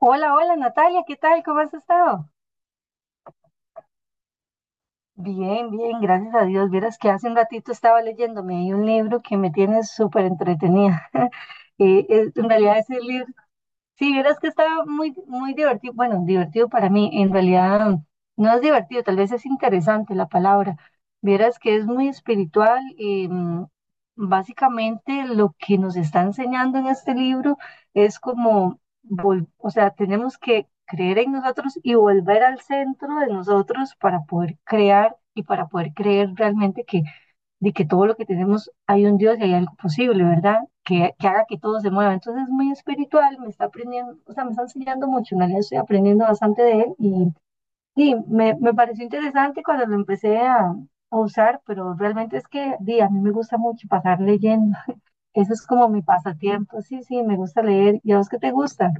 Hola, hola Natalia, ¿qué tal? ¿Cómo has estado? Bien, bien, gracias a Dios. Vieras que hace un ratito estaba leyéndome ahí un libro que me tiene súper entretenida. En realidad ese libro sí, vieras que está muy, muy divertido. Bueno, divertido para mí, en realidad no es divertido, tal vez es interesante la palabra. Vieras que es muy espiritual. Básicamente lo que nos está enseñando en este libro es como, o sea, tenemos que creer en nosotros y volver al centro de nosotros para poder crear y para poder creer realmente que de que todo lo que tenemos hay un Dios y hay algo posible, ¿verdad? Que haga que todo se mueva. Entonces es muy espiritual, me está aprendiendo, o sea, me está enseñando mucho, en realidad estoy aprendiendo bastante de él y sí, me pareció interesante cuando lo empecé a usar, pero realmente es que di, a mí me gusta mucho pasar leyendo. Eso es como mi pasatiempo. Sí, sí, me gusta leer. ¿Y a vos qué te gusta?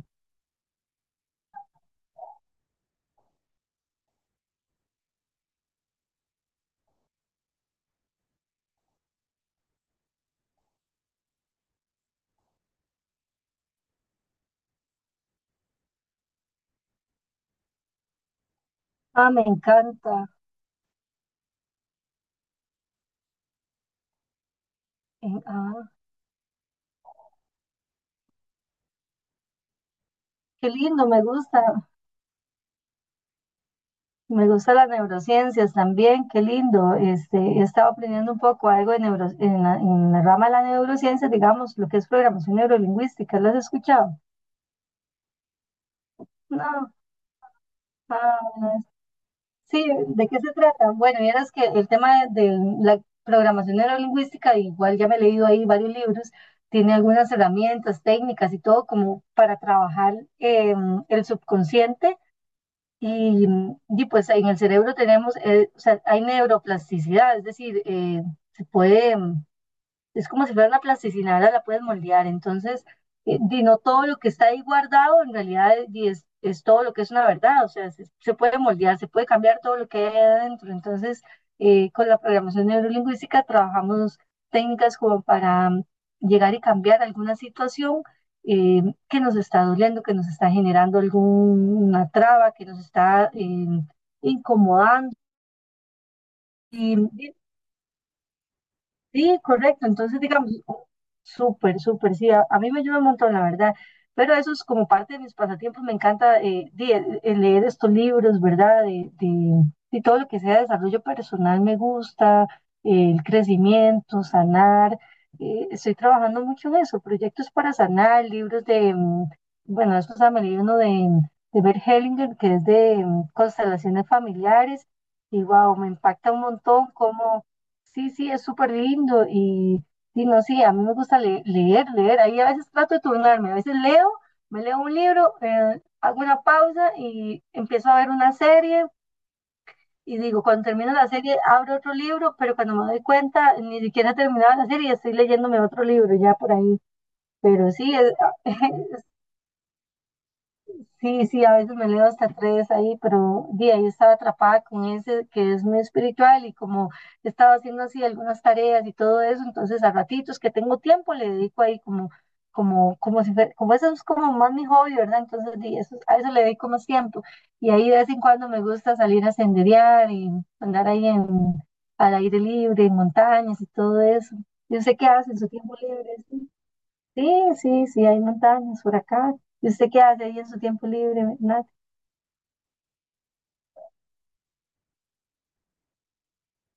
Ah, me encanta. Eh, ah, Qué lindo, me gusta. Me gustan las neurociencias también, qué lindo. Este, he estado aprendiendo un poco algo de neuro, en la rama de la neurociencia, digamos, lo que es programación neurolingüística. ¿Lo has escuchado? No. Ah, sí, ¿de qué se trata? Bueno, vieras que el tema de la programación neurolingüística, igual ya me he leído ahí varios libros, tiene algunas herramientas, técnicas y todo como para trabajar el subconsciente. Y, pues en el cerebro tenemos, o sea, hay neuroplasticidad, es decir, se puede es como si fuera una plasticina, ahora la puedes moldear. Entonces, di, no todo lo que está ahí guardado en realidad di, es todo lo que es una verdad, o sea, se puede moldear, se puede cambiar todo lo que hay adentro. Entonces, con la programación neurolingüística trabajamos técnicas como para llegar y cambiar alguna situación eh, que nos está doliendo, que nos está generando alguna traba, que nos está incomodando. Y sí, correcto. Entonces, digamos, súper, súper, sí, a mí me ayuda un montón, la verdad. Pero eso es como parte de mis pasatiempos. Me encanta el leer estos libros, ¿verdad? De todo lo que sea desarrollo personal me gusta, el crecimiento, sanar. Estoy trabajando mucho en eso, proyectos para sanar, libros de, bueno, eso se me leí uno de Bert Hellinger, que es de constelaciones familiares. Y wow, me impacta un montón cómo sí, sí, es súper lindo y no sé, a mí me gusta leer, leer. Ahí a veces trato de turnarme, a veces leo, me leo un libro, hago una pausa y empiezo a ver una serie y digo, cuando termino la serie abro otro libro, pero cuando me doy cuenta ni siquiera he terminado la serie y estoy leyéndome otro libro ya por ahí. Pero sí, es, sí, sí, a veces me leo hasta tres ahí, pero de ahí estaba atrapada con ese que es muy espiritual y como estaba haciendo así algunas tareas y todo eso, entonces a ratitos que tengo tiempo le dedico ahí como, como, como si fuera, como eso es como más mi hobby, ¿verdad? Entonces di, eso, a eso le dedico más tiempo. Y ahí de vez en cuando me gusta salir a senderear y andar ahí en, al aire libre, en montañas y todo eso. Yo sé qué hace en su tiempo libre. ¿Sí? Sí, sí, sí, hay montañas por acá. ¿Y usted qué hace ahí en su tiempo libre, Nat?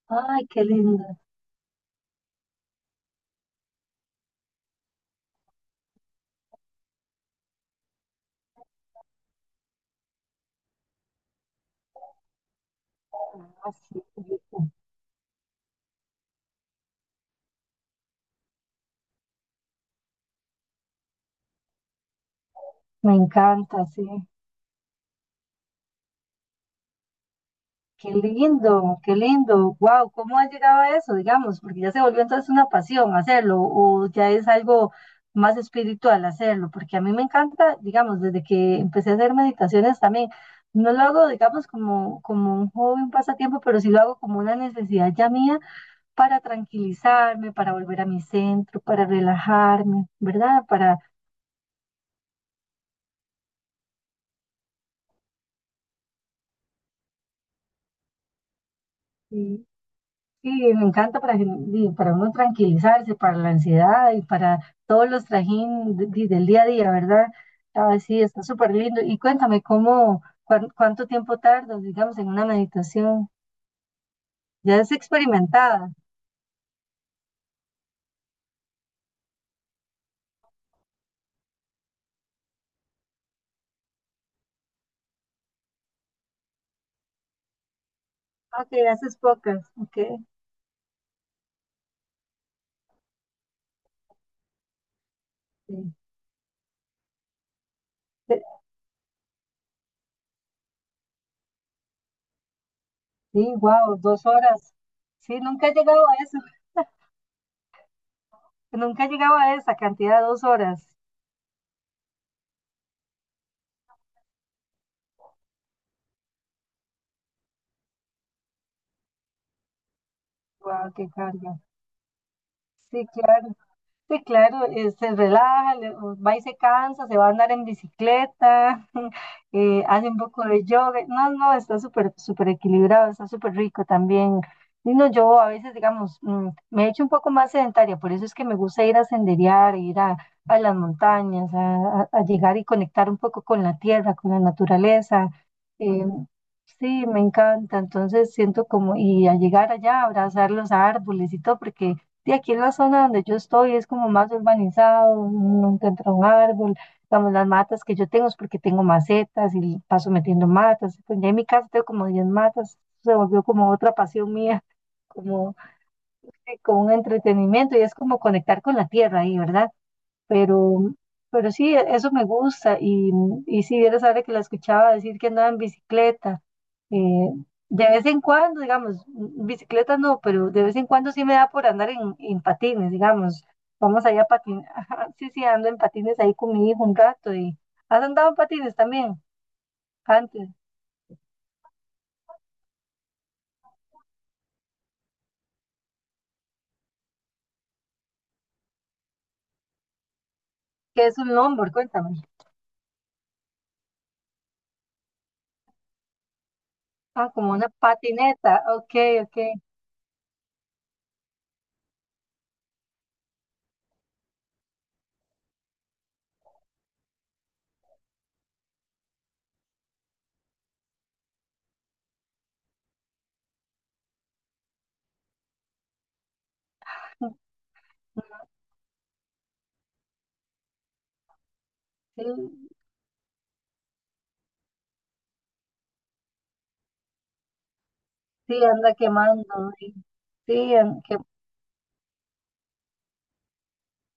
Ay, qué lindo. Ah, sí, me encanta, sí. Qué lindo, qué lindo. Wow, ¿cómo ha llegado a eso, digamos? Porque ya se volvió entonces una pasión hacerlo o ya es algo más espiritual hacerlo, porque a mí me encanta, digamos, desde que empecé a hacer meditaciones también. No lo hago, digamos, como, como un hobby, un pasatiempo, pero sí lo hago como una necesidad ya mía para tranquilizarme, para volver a mi centro, para relajarme, ¿verdad? Para, y, y me encanta para, y para uno tranquilizarse, para la ansiedad y para todos los trajín del día a día, ¿verdad? Ah, sí, está súper lindo. Y cuéntame, ¿cómo, cuánto tiempo tardas, digamos, en una meditación? Ya es experimentada. Ah, que haces pocas. Ok. Sí, Eh, sí, wow, 2 horas. Sí, nunca he llegado a eso. Nunca he llegado a esa cantidad, 2 horas. Wow, qué carga. Sí, claro, sí, claro, se relaja, va y se cansa, se va a andar en bicicleta, hace un poco de yoga, no, no, está súper, súper equilibrado, está súper rico también. Y no, yo a veces, digamos, me he hecho un poco más sedentaria, por eso es que me gusta ir a senderear, ir a las montañas, a llegar y conectar un poco con la tierra, con la naturaleza. eh, Sí, me encanta. Entonces siento como, y a llegar allá, abrazar los árboles y todo, porque y aquí en la zona donde yo estoy es como más urbanizado, no encuentro un árbol, digamos, las matas que yo tengo es porque tengo macetas y paso metiendo matas. Pues ya en mi casa tengo como 10 matas, se volvió como otra pasión mía, como, sí, como un entretenimiento y es como conectar con la tierra ahí, ¿verdad? Pero, pero sí, eso me gusta. Y si vieras ahora que la escuchaba decir que andaba en bicicleta, eh, de vez en cuando, digamos, bicicleta no, pero de vez en cuando sí me da por andar en patines, digamos. Vamos allá a patinar. Sí, sí, ando en patines ahí con mi hijo un rato. Y ¿has andado en patines también? Antes. ¿Qué es un longboard? Cuéntame. Ah, como una patineta. Ok, ok. Sí, sí, anda quemando. Sí, sí,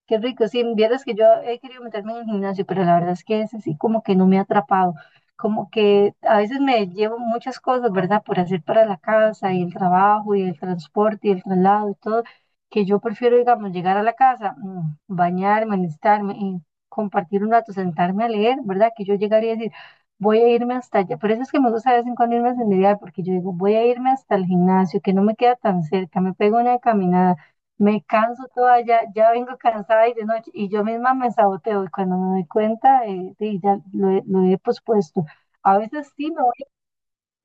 qué rico, sí, vieras que yo he querido meterme en el gimnasio, pero la verdad es que ese sí como que no me ha atrapado, como que a veces me llevo muchas cosas, ¿verdad? Por hacer para la casa y el trabajo y el transporte y el traslado y todo, que yo prefiero, digamos, llegar a la casa, bañarme, alistarme y compartir un rato, sentarme a leer, ¿verdad? Que yo llegaría a decir, voy a irme hasta allá, por eso es que me gusta de vez en cuando irme a senderear, porque yo digo, voy a irme hasta el gimnasio, que no me queda tan cerca, me pego una caminada, me canso toda, ya, ya vengo cansada y de noche, y yo misma me saboteo, y cuando me doy cuenta, sí, he lo he pospuesto. A veces sí me voy,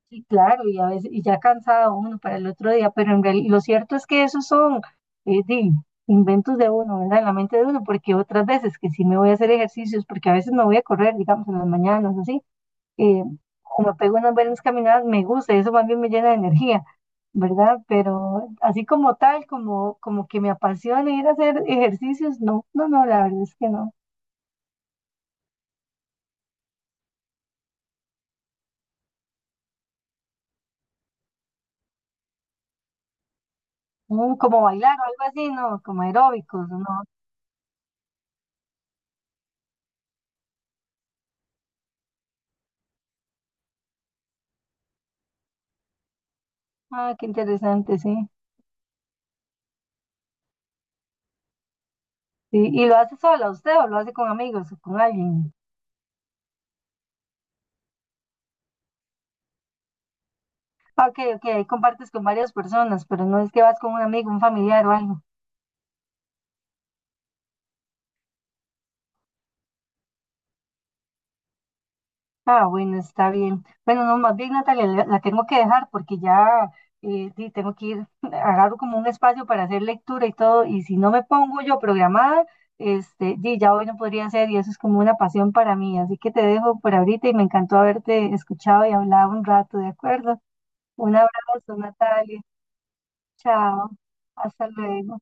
sí, claro, y a veces, y ya cansada uno para el otro día, pero en realidad, lo cierto es que esos son sí, inventos de uno, ¿verdad? En la mente de uno, porque otras veces que sí me voy a hacer ejercicios, porque a veces me voy a correr, digamos, en las mañanas, así, eh, como pego unas buenas caminadas, me gusta, eso más bien me llena de energía, ¿verdad? Pero así como tal, como, como que me apasione ir a hacer ejercicios, no, no, no, la verdad es que no. Mm, como bailar o algo así, no, como aeróbicos, no. Ah, qué interesante, sí. Sí, ¿y lo hace sola usted o lo hace con amigos o con alguien? Ah, ok, ok, ahí compartes con varias personas, pero no es que vas con un amigo, un familiar o algo. Ah, bueno, está bien. Bueno, no, más bien, Natalia, la tengo que dejar porque ya sí, tengo que ir, agarro como un espacio para hacer lectura y todo, y si no me pongo yo programada, este, sí, ya hoy no podría ser, y eso es como una pasión para mí. Así que te dejo por ahorita y me encantó haberte escuchado y hablado un rato, ¿de acuerdo? Un abrazo, Natalia. Chao. Hasta luego.